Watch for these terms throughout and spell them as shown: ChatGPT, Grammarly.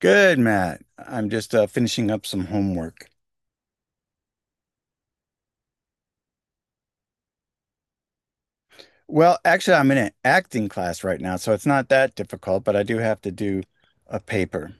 Good, Matt. I'm just finishing up some homework. Well, actually, I'm in an acting class right now, so it's not that difficult, but I do have to do a paper.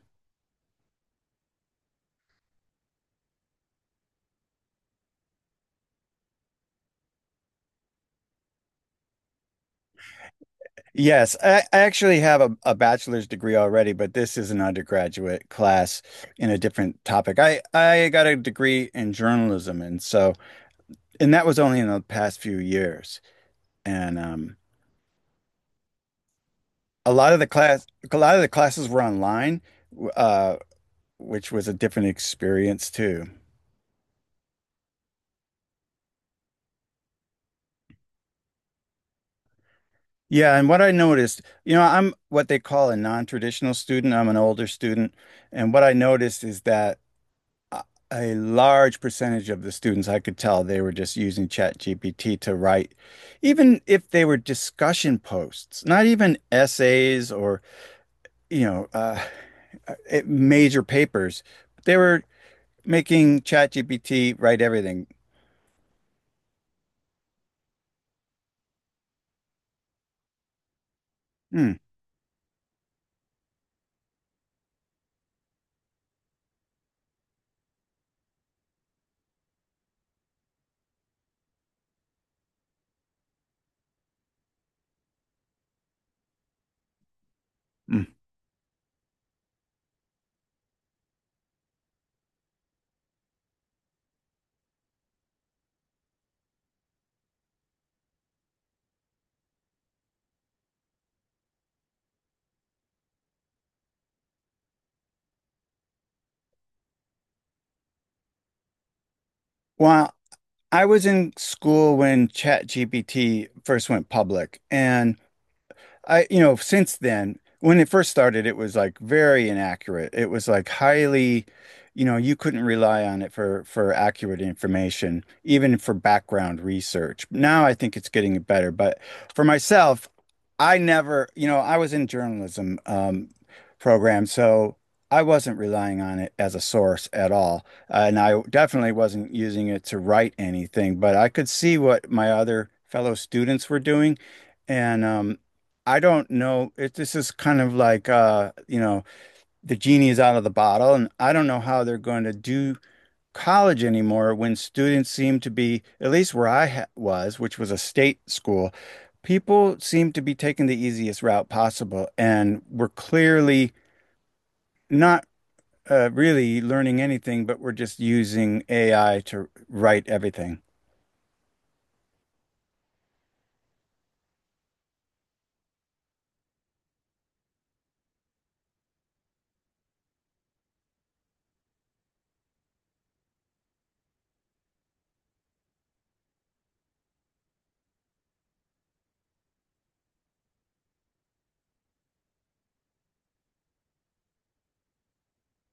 Yes, I actually have a bachelor's degree already, but this is an undergraduate class in a different topic. I got a degree in journalism, and so, and that was only in the past few years. And A lot of the class, a lot of the classes were online, w- uh, which was a different experience too. Yeah, and what I noticed, you know, I'm what they call a non-traditional student. I'm an older student, and what I noticed is that a a large percentage of the students, I could tell they were just using ChatGPT to write, even if they were discussion posts, not even essays or, you know, uh, uh, major papers. They were making ChatGPT write everything. Hmm. Hmm. Well, I was in school when ChatGPT first went public, and I, you know, since then, when it first started, it was like very inaccurate. It was like highly, you know, you couldn't rely on it for accurate information, even for background research. Now I think it's getting better, but for myself, I never, you know, I was in journalism program, so I wasn't relying on it as a source at all, and I definitely wasn't using it to write anything. But I could see what my other fellow students were doing. And I don't know. It, this is kind of like you know, the genie is out of the bottle, and I don't know how they're going to do college anymore when students seem to be, at least where I ha was, which was a state school, people seem to be taking the easiest route possible, and we're clearly not really learning anything, but we're just using AI to write everything.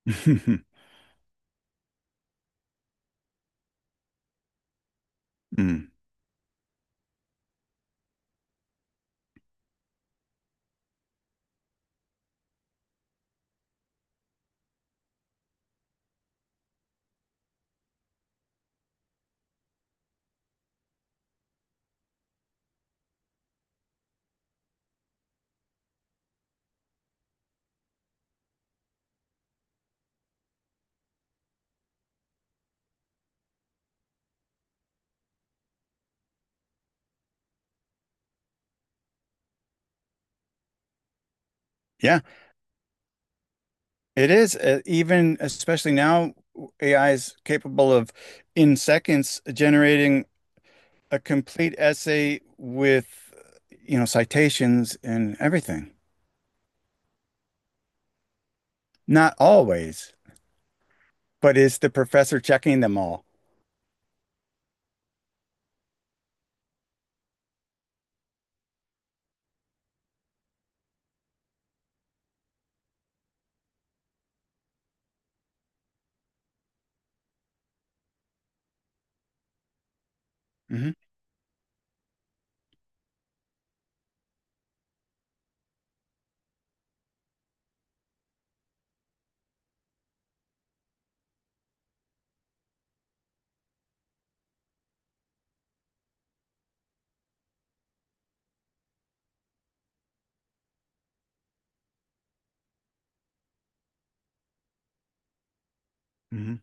Mm. Yeah. It is even especially now AI is capable of in seconds generating a complete essay with you know citations and everything. Not always, but is the professor checking them all? Hmm. Hmm.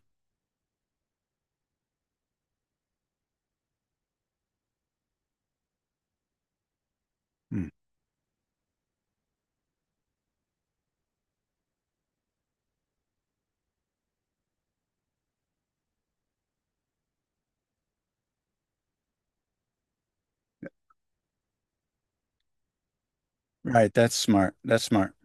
Right, that's smart. That's smart.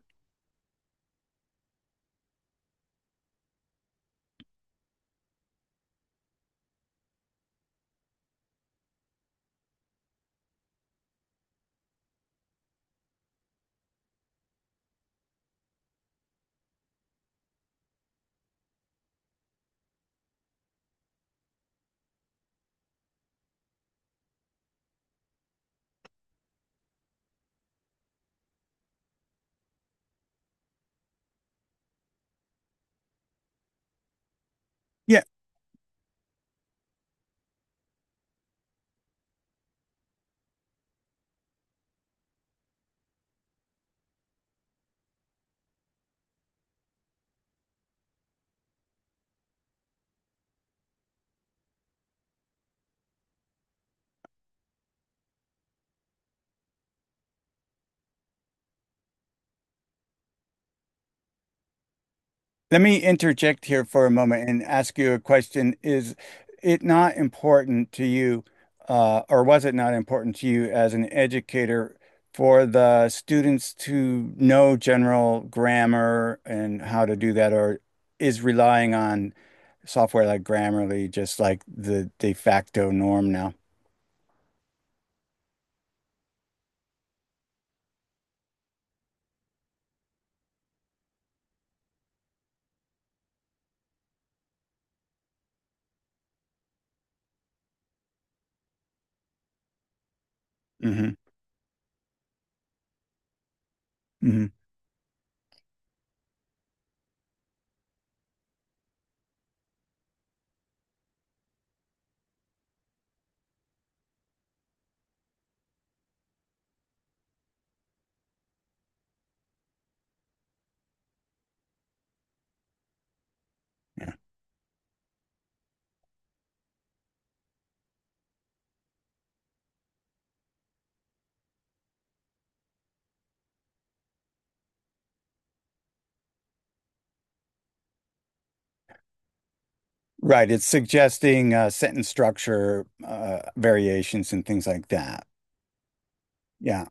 Yeah. Let me interject here for a moment and ask you a question. Is it not important to you, or was it not important to you as an educator for the students to know general grammar and how to do that, or is relying on software like Grammarly just like the de facto norm now? Hmm. Hmm. Right. It's suggesting sentence structure variations and things like that. Yeah.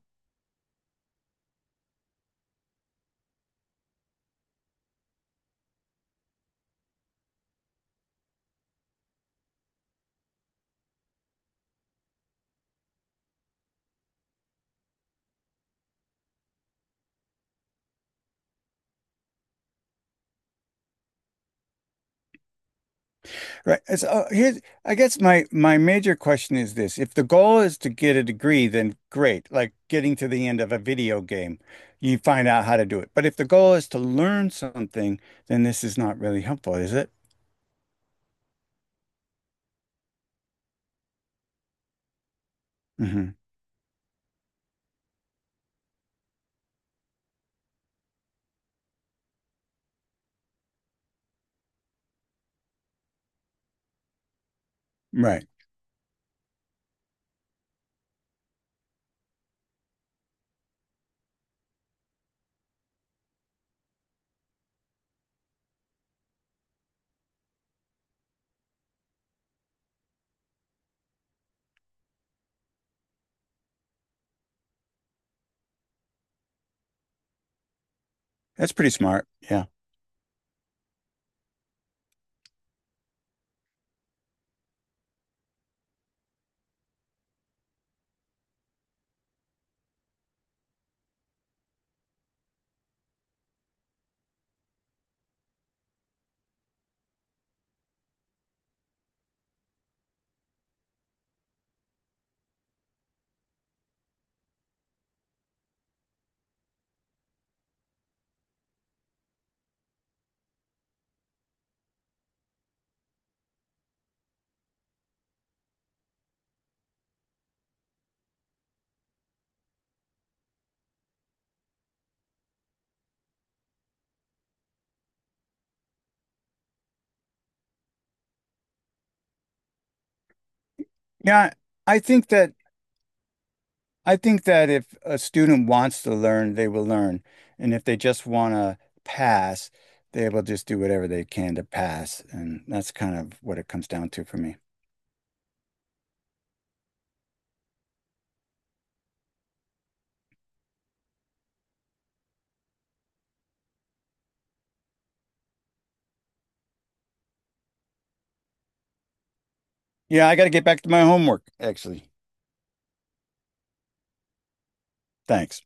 Right. So here's, I guess my major question is this. If the goal is to get a degree, then great. Like getting to the end of a video game, you find out how to do it. But if the goal is to learn something, then this is not really helpful, is it? Hmm. Right. That's pretty smart. Yeah. Yeah. I think that I think that if a student wants to learn, they will learn. And if they just want to pass, they will just do whatever they can to pass. And that's kind of what it comes down to for me. Yeah, I got to get back to my homework, actually. Thanks.